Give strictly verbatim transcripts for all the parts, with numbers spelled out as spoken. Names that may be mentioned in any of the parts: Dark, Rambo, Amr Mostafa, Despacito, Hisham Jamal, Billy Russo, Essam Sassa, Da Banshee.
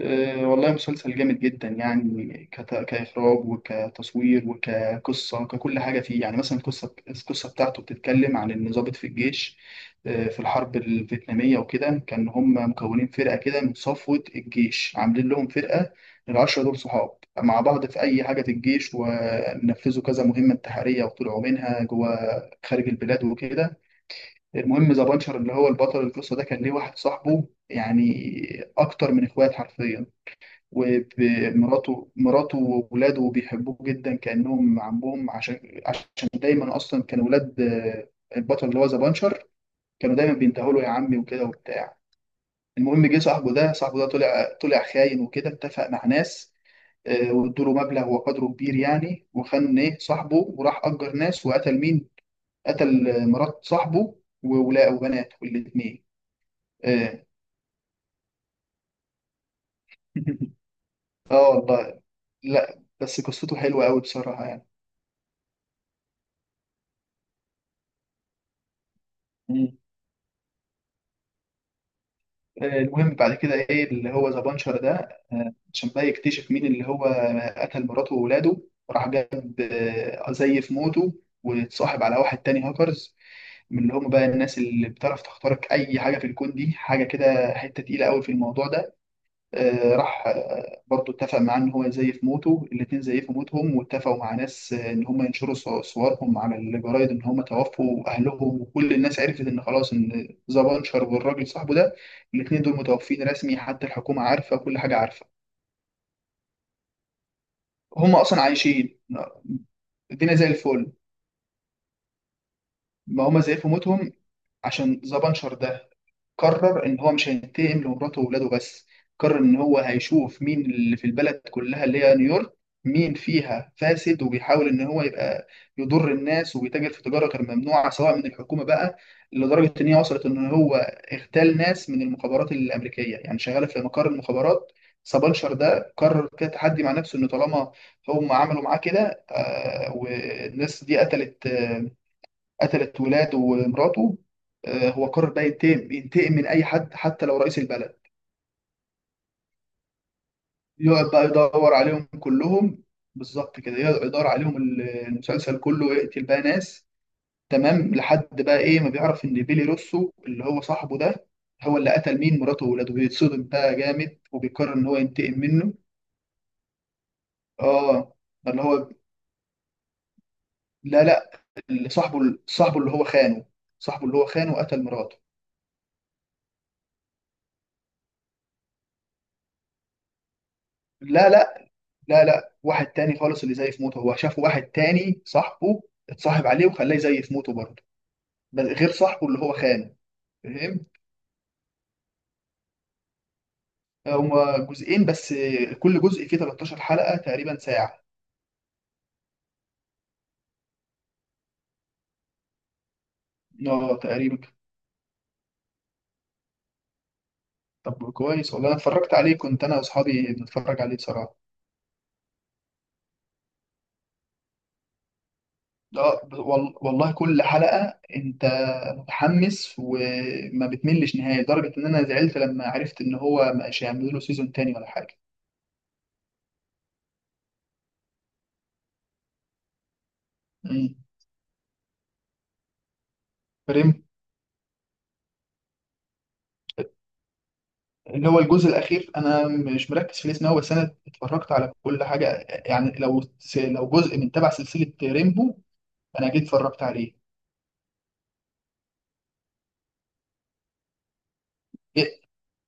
آه، والله مسلسل جامد جدا يعني كت- كإخراج وكتصوير وكقصة وككل حاجة فيه. يعني مثلا القصة، القصة بتاعته بتتكلم عن إن ضابط في الجيش آه، في الحرب الفيتنامية وكده. كان هم مكونين فرقة كده من صفوة الجيش، عاملين لهم فرقة العشرة دول صحاب مع بعض في أي حاجة في الجيش، ونفذوا كذا مهمة انتحارية وطلعوا منها جوه خارج البلاد وكده. المهم، ذا بانشر اللي هو البطل القصة ده كان ليه واحد صاحبه يعني أكتر من إخوات حرفيا. ومراته، مراته وولاده بيحبوه جدا كأنهم عمهم، عشان عشان دايما أصلا كانوا ولاد آه، البطل اللي هو ذا بانشر كانوا دايما بينتهوا له يا عمي وكده وبتاع. المهم، جه صاحبه ده، صاحبه ده طلع، طلع خاين وكده، اتفق مع ناس آه، وادوا له مبلغ وقدره كبير يعني، وخان ايه صاحبه وراح أجر ناس وقتل مين؟ قتل آه، مرات صاحبه وولاده وبناته الاتنين. اه. آه والله. لا بس قصته حلوة قوي بصراحة. يعني آه، المهم بعد كده ايه اللي هو ذا بانشر ده آه، عشان بقى يكتشف مين اللي هو قتل مراته وولاده. راح جاب آه، زيف موته واتصاحب على واحد تاني هاكرز، من اللي هم بقى الناس اللي بتعرف تخترق اي حاجه في الكون، دي حاجه كده حته تقيله قوي في الموضوع ده. آه، راح آه، برضو اتفق معاه ان هو يزيف موته. الاتنين زيفوا موتهم، واتفقوا مع ناس آه، ان هم ينشروا صو- صورهم على الجرايد ان هم توفوا اهلهم. وكل الناس عرفت ان خلاص ان ذا بانشر والراجل صاحبه ده، الاتنين دول متوفين رسمي، حتى الحكومة عارفة كل حاجة عارفة. هم اصلا عايشين، الدنيا زي الفل. ما هم زيفوا موتهم عشان ذا بانشر ده قرر ان هو مش هينتقم لمراته واولاده بس، قرر ان هو هيشوف مين اللي في البلد كلها اللي هي نيويورك مين فيها فاسد وبيحاول ان هو يبقى يضر الناس وبيتاجر في تجاره غير ممنوعه سواء من الحكومه بقى. لدرجه ان هي وصلت ان هو اغتال ناس من المخابرات الامريكيه، يعني شغاله في مقر المخابرات. سبانشر ده قرر كده تحدي مع نفسه ان طالما هم عملوا معاه كده آه والناس دي قتلت، آه قتلت ولاده ومراته، آه، هو قرر بقى ينتقم، ينتقم من اي حد حتى لو رئيس البلد. يقعد بقى يدور عليهم كلهم، بالظبط كده. يقعد يدور عليهم، ال- المسلسل كله، ويقتل بقى ناس تمام. لحد بقى ايه ما بيعرف ان بيلي روسو اللي هو صاحبه ده هو اللي قتل مين، مراته وولاده، بيتصدم بقى جامد وبيقرر ان هو ينتقم منه. اه، اللي هو، لا لا، اللي صاحبه، صاحبه اللي هو خانه، صاحبه اللي هو خانه قتل مراته. لا لا. لا لا، واحد تاني خالص. اللي زي في موته هو شاف واحد تاني صاحبه، اتصاحب عليه وخلاه زي في موته برضه، بس غير صاحبه اللي هو خانه. فاهم. آه، هما جزئين بس، كل جزء فيه ثلاثتاشر حلقة تقريبا ساعة. اه تقريبا. طب كويس، والله انا اتفرجت عليه، كنت انا واصحابي بنتفرج عليه بصراحة. اه، ب- وال- والله كل حلقة انت متحمس وما بتملش نهائي، لدرجة ان انا زعلت لما عرفت ان هو مش هيعملوا له سيزون تاني ولا حاجة. امم. فاهم، اللي هو الجزء الأخير أنا مش مركز في الاسم أوي، بس أنا اتفرجت على كل حاجة. يعني لو س- لو جزء من تبع سلسلة ريمبو أنا جيت اتفرجت عليه. إيه؟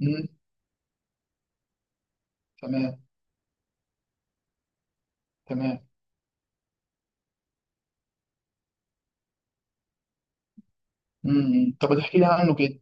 مم. تمام. تمام. مم. طب تحكي لي عنه كده.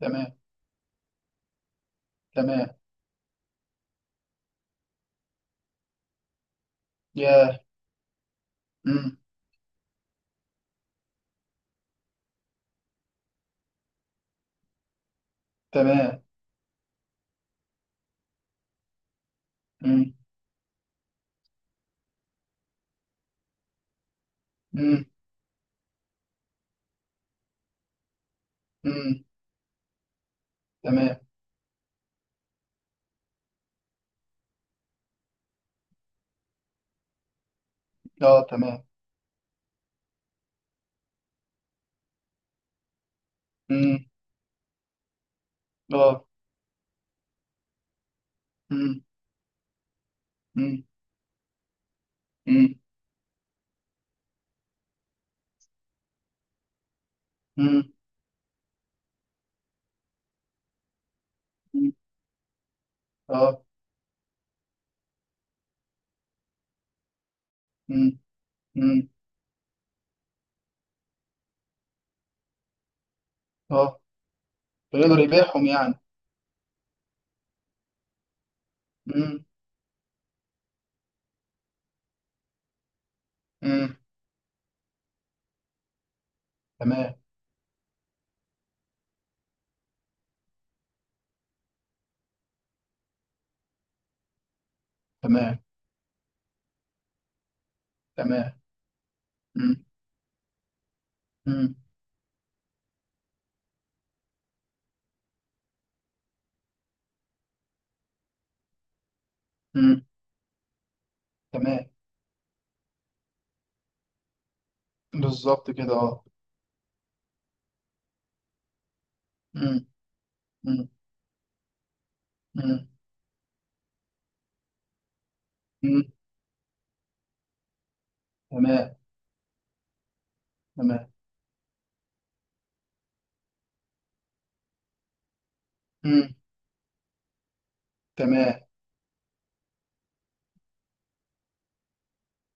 تمام. تمام. ياه. مم. تمام. مم. مم. مم. تمام اه تمام مم. اه مم. مم. مم. مم. مم. اه. مم. مم. اه. بيقدر يبيعهم يعني. مم. مم. تمام. تمام. تمام. مم. مم. مم. تمام. بالظبط كده، اه. مم. مم. مم. مم. تمام. تمام. مم. تمام.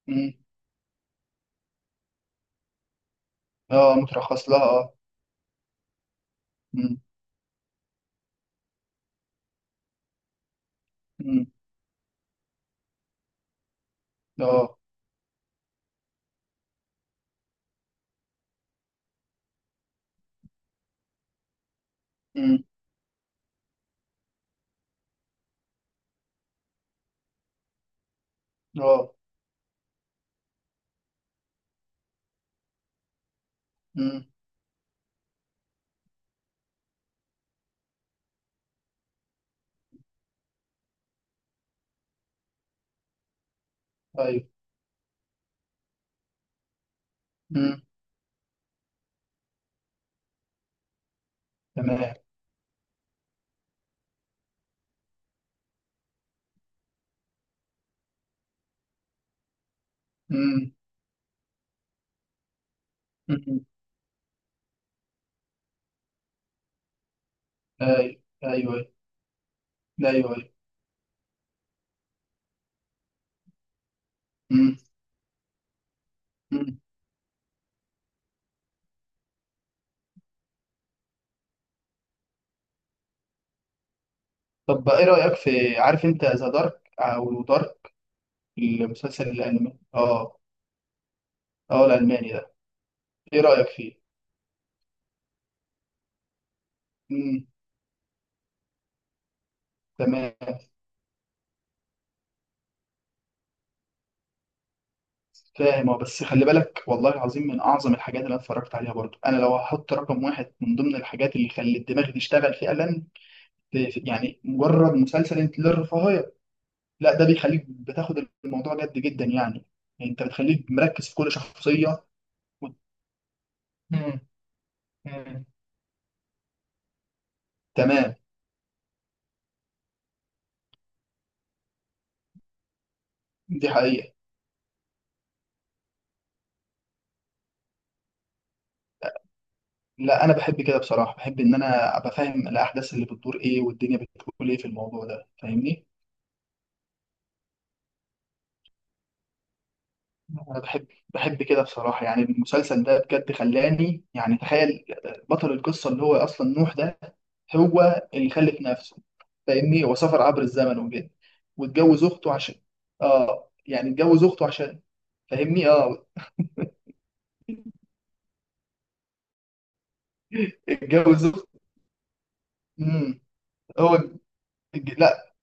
مم. اه مترخص لها، اه. مم. مم. اه. مم. اه. مم. ايوه. مم. تمام. مم. مم. ايوه ايوه. ايوه ايوه. مم. مم. طب ايه رأيك في، عارف انت ذا دارك او دارك، المسلسل الالماني؟ اه، اه الالماني ده. ايه رأيك فيه؟ مم. تمام. فاهم. اه بس خلي بالك، والله العظيم من اعظم الحاجات اللي انا اتفرجت عليها برضو. انا لو هحط رقم واحد من ضمن الحاجات اللي خلت الدماغ تشتغل فعلا، في- في- يعني مجرد مسلسل انت للرفاهيه، لا ده بيخليك بتاخد الموضوع جد جدا يعني. يعني انت بتخليك مركز في كل شخصيه و- مم. مم. تمام. دي حقيقه. لا انا بحب كده بصراحه، بحب ان انا ابقى فاهم الاحداث اللي بتدور ايه والدنيا بتقول ايه في الموضوع ده، فاهمني؟ انا بحب، بحب كده بصراحه. يعني المسلسل ده بجد خلاني، يعني تخيل بطل القصه اللي هو اصلا نوح ده هو اللي خلف نفسه. فاهمني، هو سافر عبر الزمن وكده واتجوز اخته عشان، اه يعني اتجوز اخته عشان. فاهمني، اه. اتجوز اخته. امم. هو اتج- لا،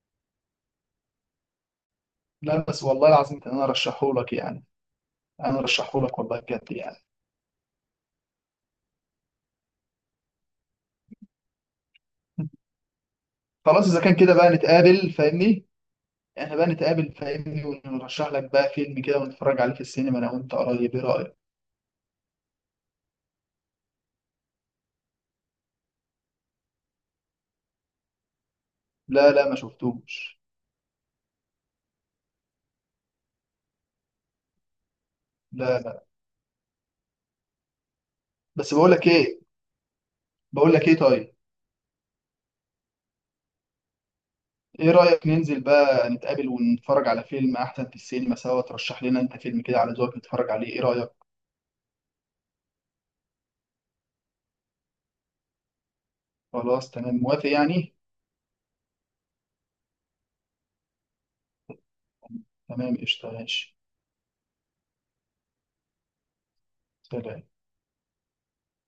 لا بس والله العظيم كان انا ارشحهولك يعني. انا ارشحهولك، والله بجد يعني. خلاص، اذا كان كده بقى نتقابل، فاهمني، احنا بقى نتقابل، فاهمني، ونرشح لك بقى فيلم كده ونتفرج عليه في السينما انا وانت قريب. ايه رايك؟ لا لا ما شفتوش. لا لا. بس بقول لك ايه، بقول لك ايه طيب، ايه رايك ننزل بقى نتقابل ونتفرج على فيلم احسن في السينما سوا، ترشح لنا انت فيلم كده على ذوقك نتفرج عليه. ايه رايك؟ خلاص تمام، موافق يعني. تمام قشطه، ماشي. سلام.